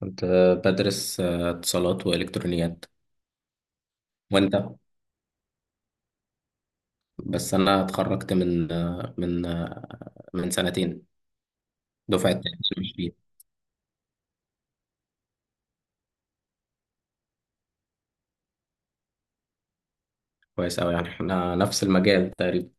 كنت بدرس اتصالات وإلكترونيات. وأنت؟ بس أنا اتخرجت من من سنتين دفعة 2020. كويس أوي، يعني إحنا نفس المجال تقريبا.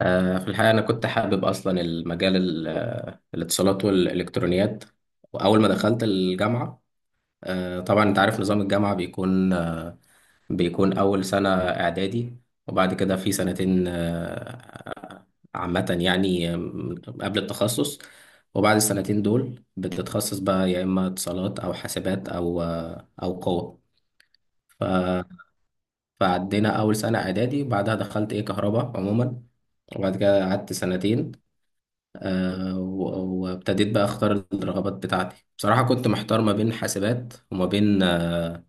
في الحقيقة أنا كنت حابب أصلا المجال الاتصالات والإلكترونيات. وأول ما دخلت الجامعة، طبعا أنت عارف نظام الجامعة بيكون أول سنة إعدادي، وبعد كده في سنتين عامة، يعني قبل التخصص. وبعد السنتين دول بتتخصص بقى، يا إما اتصالات أو حاسبات أو قوة. ف- فعدينا أول سنة إعدادي، بعدها دخلت إيه كهرباء عموما، وبعد كده قعدت سنتين، وابتديت بقى أختار الرغبات بتاعتي. بصراحة كنت محتار ما بين حاسبات وما بين آه،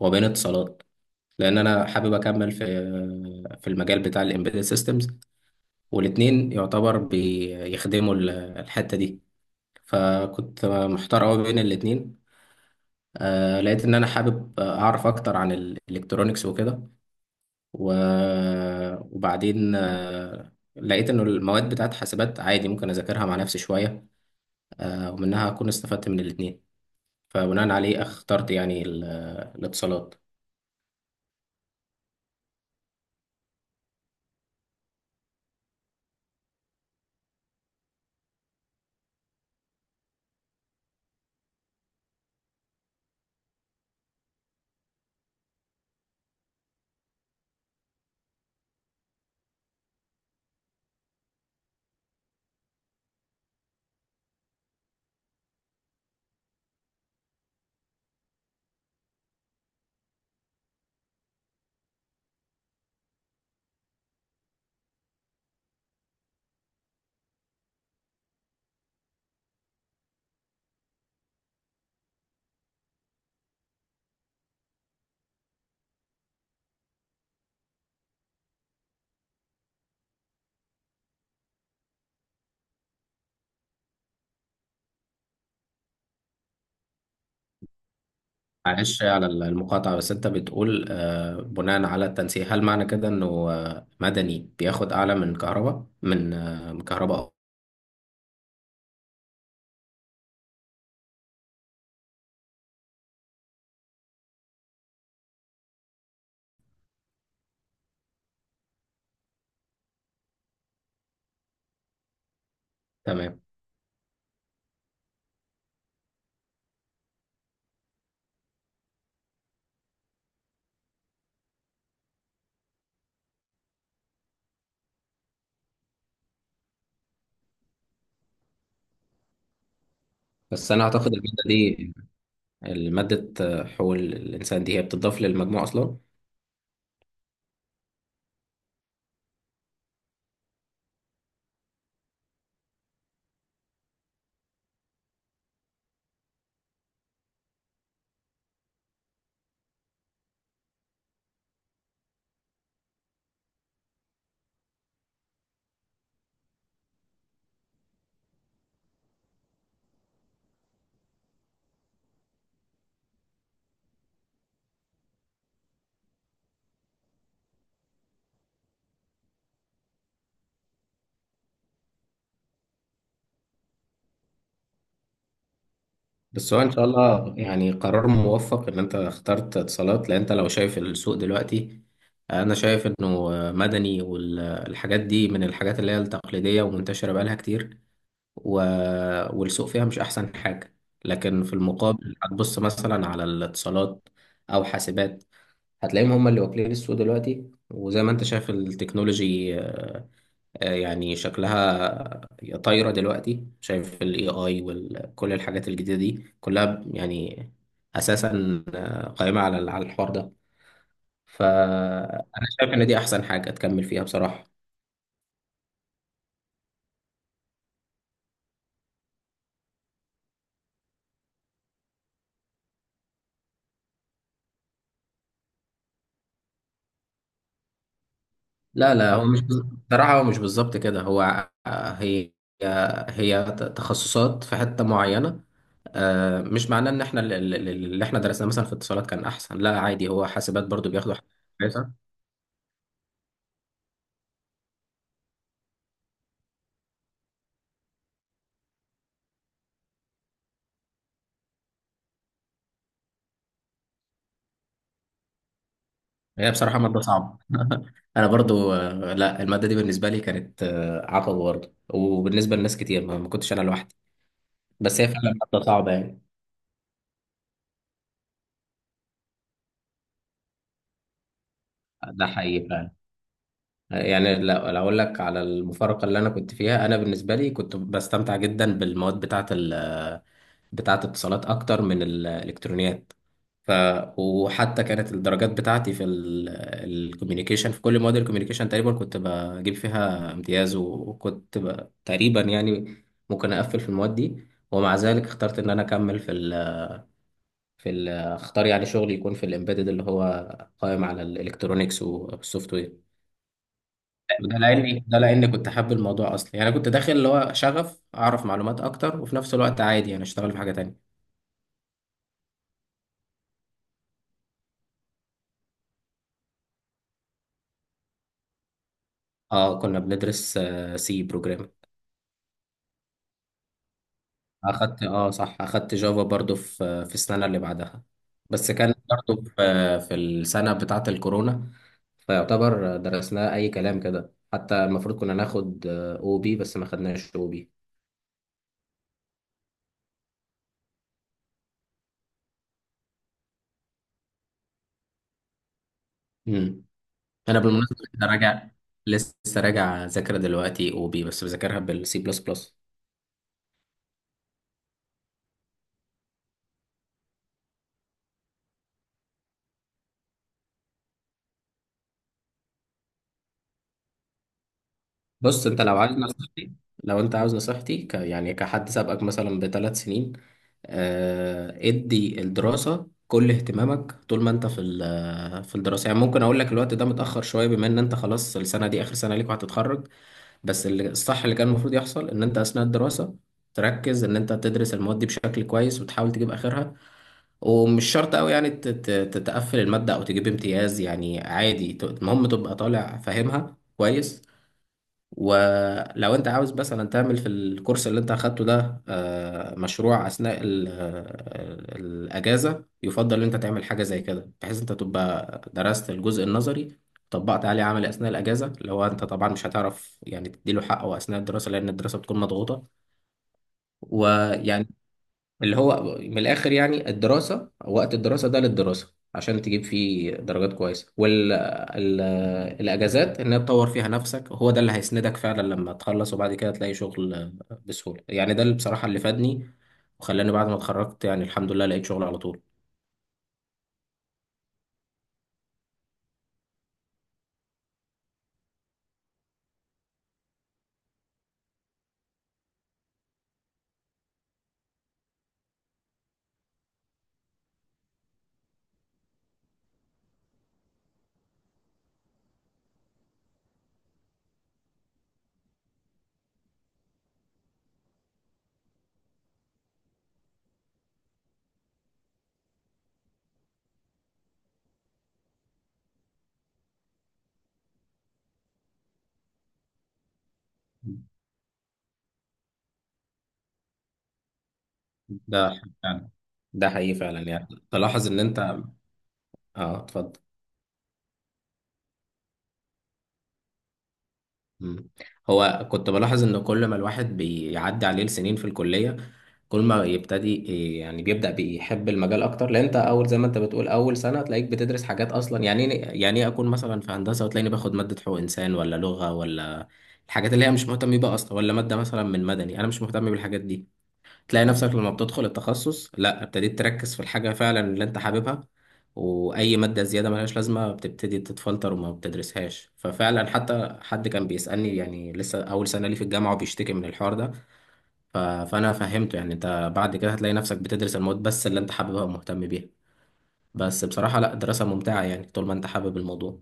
وما بين اتصالات، لان انا حابب اكمل في المجال بتاع الامبيدد سيستمز، والاتنين يعتبر بيخدموا الحته دي، فكنت محتار قوي بين الاتنين. لقيت ان انا حابب اعرف اكتر عن الالكترونكس وكده، و- وبعدين لقيت انه المواد بتاعت حاسبات عادي ممكن اذاكرها مع نفسي شويه، ومنها اكون استفدت من الاتنين. فبناء عليه اخترت يعني الاتصالات. معلش على المقاطعة، بس أنت بتقول بناء على التنسيق، هل معنى كده إنه مدني بياخد أعلى من كهرباء، من كهرباء؟ تمام. بس أنا أعتقد المادة حقوق الإنسان دي هي بتضاف للمجموع أصلا. بس هو إن شاء الله، يعني قرار موفق إن أنت اخترت اتصالات، لأن أنت لو شايف السوق دلوقتي، أنا شايف إنه مدني والحاجات دي من الحاجات اللي هي التقليدية ومنتشرة بقالها كتير، و... والسوق فيها مش أحسن حاجة. لكن في المقابل هتبص مثلا على الاتصالات أو حاسبات، هتلاقيهم هم اللي واكلين السوق دلوقتي. وزي ما انت شايف التكنولوجي يعني شكلها طايرة دلوقتي، شايف ال AI وكل الحاجات الجديدة دي كلها، يعني أساسا قائمة على الحوار ده. فأنا شايف إن دي أحسن حاجة تكمل فيها بصراحة. لا، لا، هو مش بصراحة، هو مش بالظبط كده، هو آه، هي هي تخصصات في حتة معينة. مش معناه ان احنا اللي احنا درسناه مثلا في اتصالات كان احسن، لا عادي، هو حاسبات برضو بياخدوا حاجات كويسة. هي بصراحة مادة صعبة انا برضو، لا، المادة دي بالنسبة لي كانت عقبة برضو، وبالنسبة لناس كتير، ما كنتش انا لوحدي. بس هي فعلا مادة صعبة يعني. ده حقيقي فعلا. يعني لو اقول لك على المفارقه اللي انا كنت فيها، انا بالنسبه لي كنت بستمتع جدا بالمواد بتاعه الاتصالات اكتر من الالكترونيات. ف وحتى كانت الدرجات بتاعتي في الكوميونيكيشن، في كل مواد الكوميونيكيشن تقريبا كنت بجيب فيها امتياز، وكنت تقريبا يعني ممكن اقفل في المواد دي. ومع ذلك اخترت ان انا اكمل اختار يعني شغل يكون في الامبيدد، اللي هو قائم على الالكترونيكس والسوفت وير. ده لاني كنت حابب الموضوع اصلا، يعني انا كنت داخل اللي هو شغف اعرف معلومات اكتر، وفي نفس الوقت عادي انا اشتغل في حاجه تانية. اه، كنا بندرس سي بروجرامينج. اه، صح، اخدت جافا برضو في السنه اللي بعدها. بس كان برضو في السنه بتاعه الكورونا، فيعتبر درسناه اي كلام كده، حتى المفروض كنا ناخد او بي بس ما خدناش او بي. امم انا بالمناسبه لسه راجع اذاكر دلوقتي او بي، بس بذاكرها بالسي بلس بلس. بص، انت لو انت عاوز نصيحتي يعني كحد سابقك مثلا ب3 سنين، ادي الدراسة كل اهتمامك. طول ما انت في الدراسة، يعني ممكن اقول لك الوقت ده متأخر شوية، بما ان انت خلاص السنة دي اخر سنة ليك وهتتخرج. بس الصح اللي كان المفروض يحصل ان انت اثناء الدراسة تركز ان انت تدرس المواد دي بشكل كويس وتحاول تجيب اخرها. ومش شرط قوي يعني تتقفل المادة او تجيب امتياز، يعني عادي، المهم تبقى طالع فاهمها كويس. ولو انت عاوز مثلا تعمل في الكورس اللي انت اخدته ده مشروع اثناء الاجازه، يفضل ان انت تعمل حاجه زي كده، بحيث انت تبقى درست الجزء النظري، طبقت عليه عملي اثناء الاجازه. لو انت طبعا مش هتعرف يعني تديله حقه اثناء الدراسه، لان الدراسه بتكون مضغوطه ويعني، اللي هو من الاخر، يعني الدراسه وقت الدراسه ده للدراسه عشان تجيب فيه درجات كويسه، والاجازات انها تطور فيها نفسك، هو ده اللي هيسندك فعلا لما تخلص وبعد كده تلاقي شغل بسهوله. يعني ده اللي بصراحه اللي فادني، وخلاني بعد ما اتخرجت، يعني الحمد لله لقيت شغل على طول. ده فعلا ده حقيقي فعلا، يعني تلاحظ ان انت... اه، اتفضل. مم. هو كنت بلاحظ ان كل ما الواحد بيعدي عليه السنين في الكلية، كل ما يبتدي، إيه، يعني بيبدأ بيحب المجال اكتر. لان انت اول، زي ما انت بتقول، اول سنة تلاقيك بتدرس حاجات اصلا، يعني يعني ايه اكون مثلا في هندسة وتلاقيني باخد مادة حقوق انسان ولا لغة، ولا الحاجات اللي هي مش مهتم بيها اصلا، ولا مادة مثلا من مدني، انا مش مهتم بالحاجات دي. تلاقي نفسك لما بتدخل التخصص، لا، ابتديت تركز في الحاجة فعلا اللي انت حاببها، وأي مادة زيادة ملهاش لازمة بتبتدي تتفلتر وما بتدرسهاش. ففعلا حتى حد كان بيسألني، يعني لسه أول سنة لي في الجامعة، وبيشتكي من الحوار ده، فأنا فهمته يعني انت بعد كده هتلاقي نفسك بتدرس المواد بس اللي انت حاببها ومهتم بيها. بس بصراحة لا، دراسة ممتعة يعني، طول ما انت حابب الموضوع.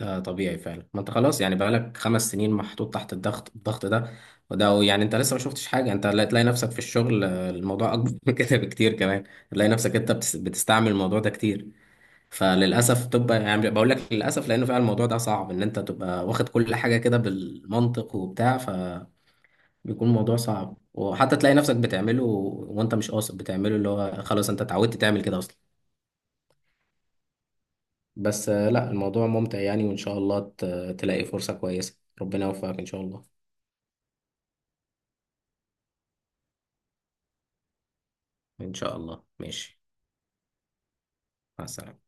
ده طبيعي فعلا. ما انت خلاص، يعني بقالك 5 سنين محطوط تحت الضغط ده. وده يعني انت لسه ما شفتش حاجه، انت تلاقي نفسك في الشغل، الموضوع اكبر من كده بكتير كمان. تلاقي نفسك انت بتستعمل الموضوع ده كتير. فللاسف تبقى، يعني بقول لك للاسف لانه فعلا الموضوع ده صعب، ان انت تبقى واخد كل حاجه كده بالمنطق وبتاع، فبيكون الموضوع صعب. وحتى تلاقي نفسك بتعمله وانت مش قاصد، بتعمله اللي هو خلاص انت اتعودت تعمل كده اصلا. بس لا، الموضوع ممتع يعني، وإن شاء الله تلاقي فرصة كويسة، ربنا يوفقك إن شاء الله. إن شاء الله، ماشي. مع السلامة.